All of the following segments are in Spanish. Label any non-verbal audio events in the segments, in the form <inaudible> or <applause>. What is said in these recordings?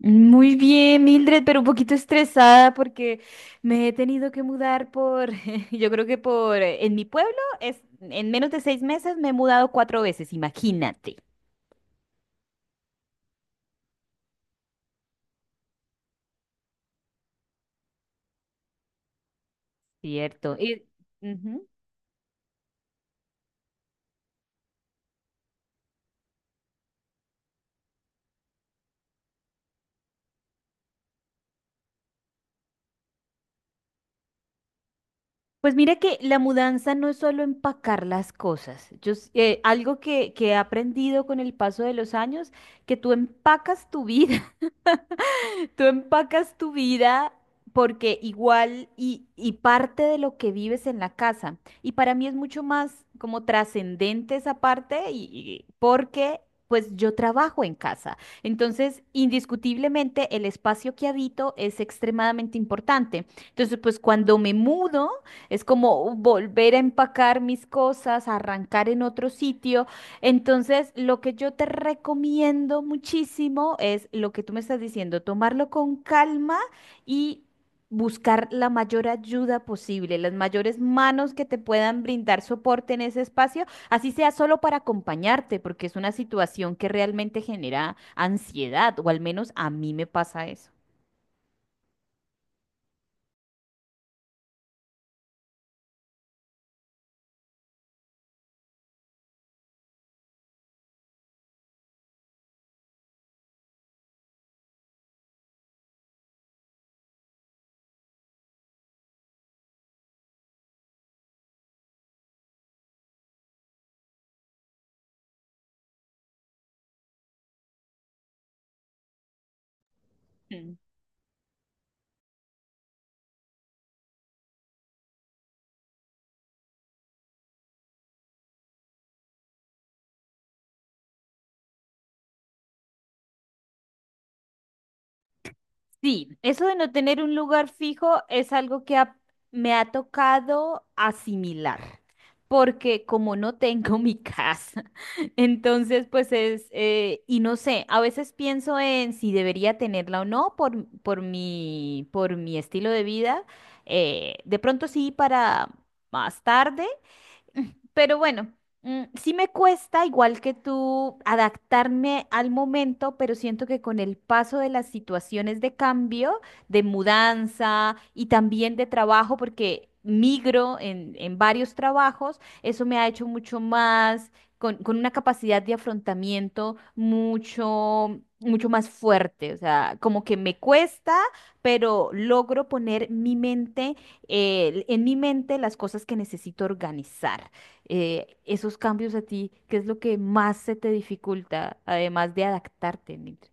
Muy bien, Mildred, pero un poquito estresada porque me he tenido que mudar por, <laughs> yo creo que por, en mi pueblo es, en menos de 6 meses me he mudado cuatro veces, imagínate. Cierto. Y, ujú. Pues mira que la mudanza no es solo empacar las cosas. Algo que he aprendido con el paso de los años, que tú empacas tu vida. <laughs> Tú empacas tu vida porque igual y parte de lo que vives en la casa. Y para mí es mucho más como trascendente esa parte porque pues yo trabajo en casa. Entonces, indiscutiblemente el espacio que habito es extremadamente importante. Entonces, pues cuando me mudo es como volver a empacar mis cosas, arrancar en otro sitio, entonces, lo que yo te recomiendo muchísimo es lo que tú me estás diciendo, tomarlo con calma y buscar la mayor ayuda posible, las mayores manos que te puedan brindar soporte en ese espacio, así sea solo para acompañarte, porque es una situación que realmente genera ansiedad, o al menos a mí me pasa eso. Sí, eso de no tener un lugar fijo es algo que me ha tocado asimilar, porque como no tengo mi casa, <laughs> entonces pues es, y no sé, a veces pienso en si debería tenerla o no por mi estilo de vida, de pronto sí para más tarde. Pero bueno, sí me cuesta, igual que tú, adaptarme al momento, pero siento que con el paso de las situaciones de cambio, de mudanza y también de trabajo, porque migro en varios trabajos, eso me ha hecho mucho más, con una capacidad de afrontamiento mucho, mucho más fuerte. O sea, como que me cuesta, pero logro poner mi mente en mi mente las cosas que necesito organizar. Esos cambios a ti, ¿qué es lo que más se te dificulta, además de adaptarte, Nitri?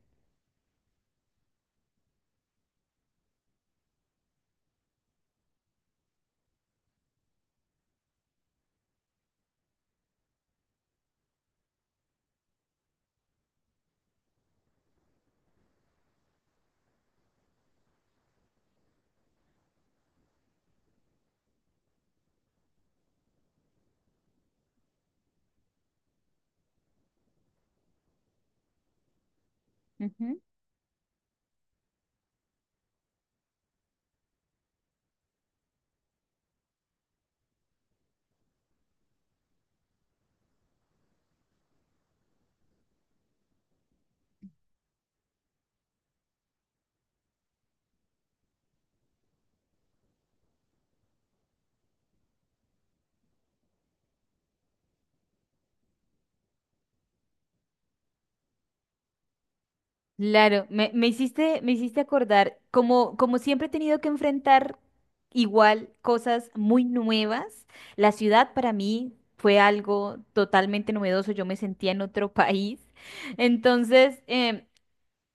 Ujú. Claro, me hiciste acordar, como siempre he tenido que enfrentar igual cosas muy nuevas, la ciudad para mí fue algo totalmente novedoso, yo me sentía en otro <laughs> país, entonces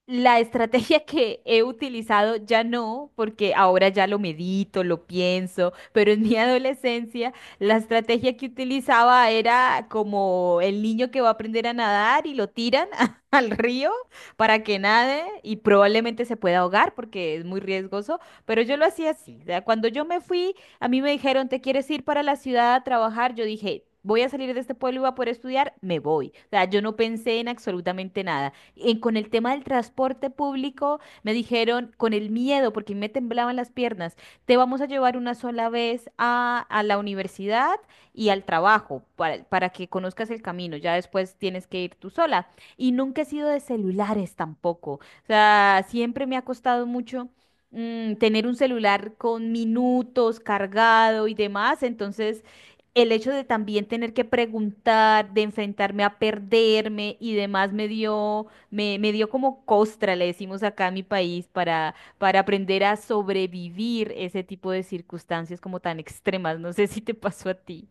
la estrategia que he utilizado ya no, porque ahora ya lo medito, lo pienso, pero en mi <laughs> adolescencia la estrategia que utilizaba era como el niño que va a aprender a nadar y lo tiran <laughs> al río para que nade y probablemente se pueda ahogar porque es muy riesgoso, pero yo lo hacía así. O sea, cuando yo me fui, a mí me dijeron, ¿te quieres ir para la ciudad a trabajar? Yo dije: voy a salir de este pueblo y voy a poder estudiar, me voy. O sea, yo no pensé en absolutamente nada con el tema del transporte público, me dijeron con el miedo, porque me temblaban las piernas, te vamos a llevar una sola vez a la universidad y al trabajo para que conozcas el camino, ya después tienes que ir tú sola. Y nunca he sido de celulares tampoco, o sea, siempre me ha costado mucho tener un celular con minutos cargado y demás, entonces el hecho de también tener que preguntar, de enfrentarme a perderme y demás me dio como costra, le decimos acá en mi país, para aprender a sobrevivir ese tipo de circunstancias como tan extremas. No sé si te pasó a ti.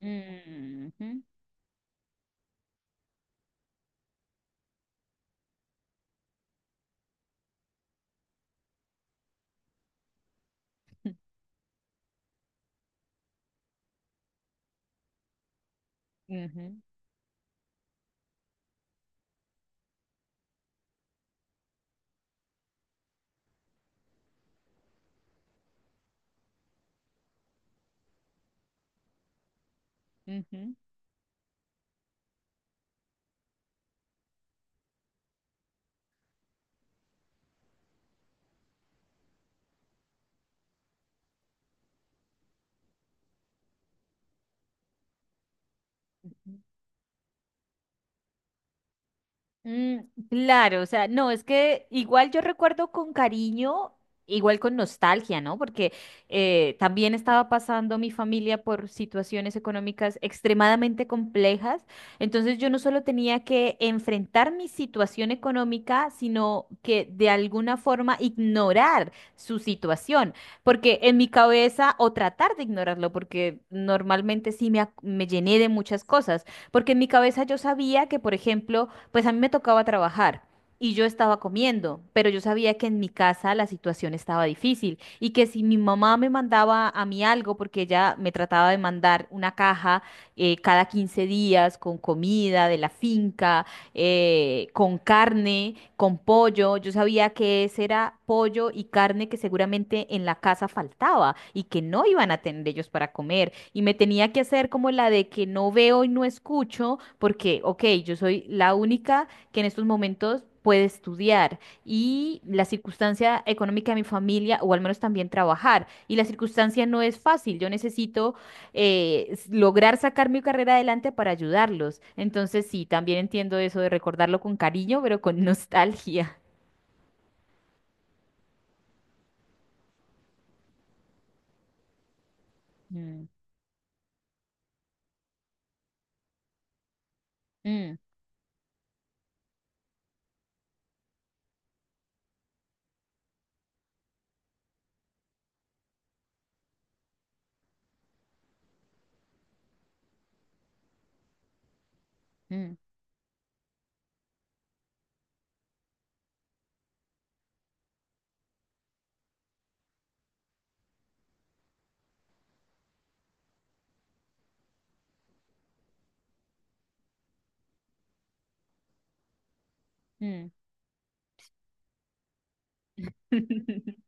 Ujú, ujú, ujú, ujú. Mm, claro, o sea, no, es que igual yo recuerdo con cariño, igual con nostalgia, ¿no? Porque también estaba pasando mi familia por situaciones económicas extremadamente complejas, entonces yo no solo tenía que enfrentar mi situación económica, sino que de alguna forma ignorar su situación, porque en mi cabeza, o tratar de ignorarlo, porque normalmente sí me llené de muchas cosas, porque en mi cabeza yo sabía que, por ejemplo, pues a mí me tocaba trabajar y yo estaba comiendo, pero yo sabía que en mi casa la situación estaba difícil y que si mi mamá me mandaba a mí algo, porque ella me trataba de mandar una caja cada 15 días con comida de la finca, con carne, con pollo, yo sabía que ese era pollo y carne que seguramente en la casa faltaba y que no iban a tener ellos para comer. Y me tenía que hacer como la de que no veo y no escucho, porque, ok, yo soy la única que en estos momentos puede estudiar y la circunstancia económica de mi familia, o al menos también trabajar, y la circunstancia no es fácil, yo necesito lograr sacar mi carrera adelante para ayudarlos. Entonces, sí, también entiendo eso de recordarlo con cariño, pero con <laughs> nostalgia. Mm, mm, mm, mm. <laughs>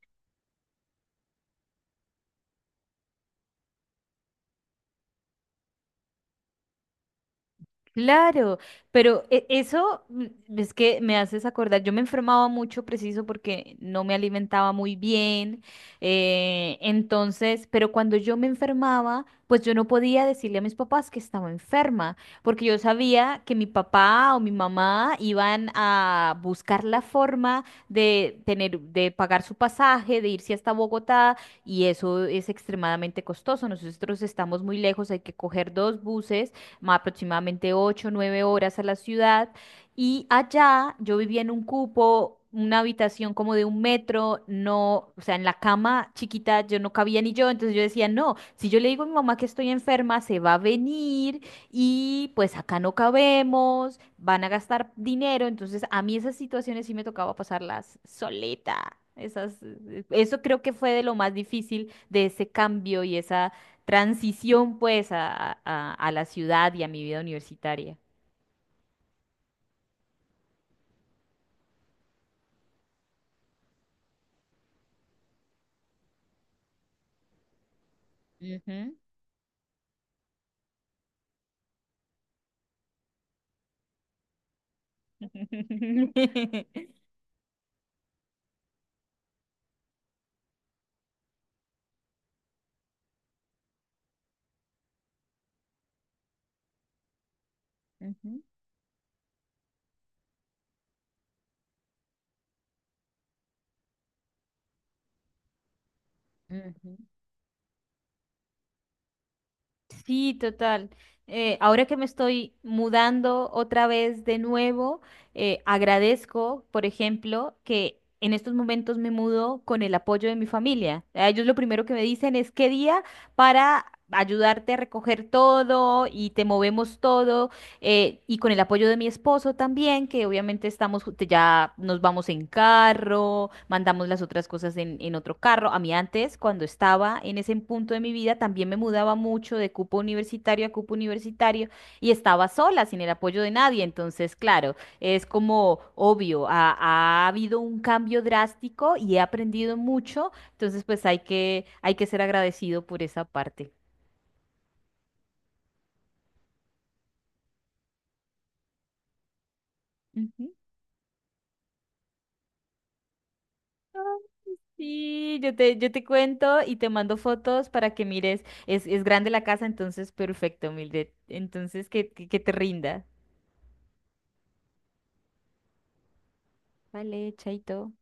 Claro, pero eso es que me haces acordar, yo me enfermaba mucho preciso porque no me alimentaba muy bien, entonces, pero cuando yo me enfermaba, pues yo no podía decirle a mis papás que estaba enferma, porque yo sabía que mi papá o mi mamá iban a buscar la forma de tener, de pagar su pasaje, de irse hasta Bogotá, y eso es extremadamente costoso. Nosotros estamos muy lejos, hay que coger dos buses aproximadamente ocho o 9 horas a la ciudad. Y allá yo vivía en un cupo, una habitación como de 1 metro, no, o sea, en la cama chiquita yo no cabía ni yo, entonces yo decía, no, si yo le digo a mi mamá que estoy enferma, se va a venir y pues acá no cabemos, van a gastar dinero, entonces a mí esas situaciones sí me tocaba pasarlas solita. Eso creo que fue de lo más difícil de ese cambio y esa transición pues a la ciudad y a mi vida universitaria. Ujú. <laughs> Ujú, ujú. Sí, total. Ahora que me estoy mudando otra vez de nuevo, agradezco, por ejemplo, que en estos momentos me mudo con el apoyo de mi familia. A ellos lo primero que me dicen es qué día para ayudarte a recoger todo y te movemos todo y con el apoyo de mi esposo también, que obviamente estamos, ya nos vamos en carro, mandamos las otras cosas en, otro carro. A mí antes, cuando estaba en ese punto de mi vida, también me mudaba mucho de cupo universitario a cupo universitario y estaba sola, sin el apoyo de nadie. Entonces, claro, es como obvio, ha habido un cambio drástico y he aprendido mucho. Entonces, pues hay que ser agradecido por esa parte. Ujú. Sí, yo te cuento y te mando fotos para que mires. Es grande la casa, entonces perfecto, Mildred. Entonces que te rinda. Vale, chaito.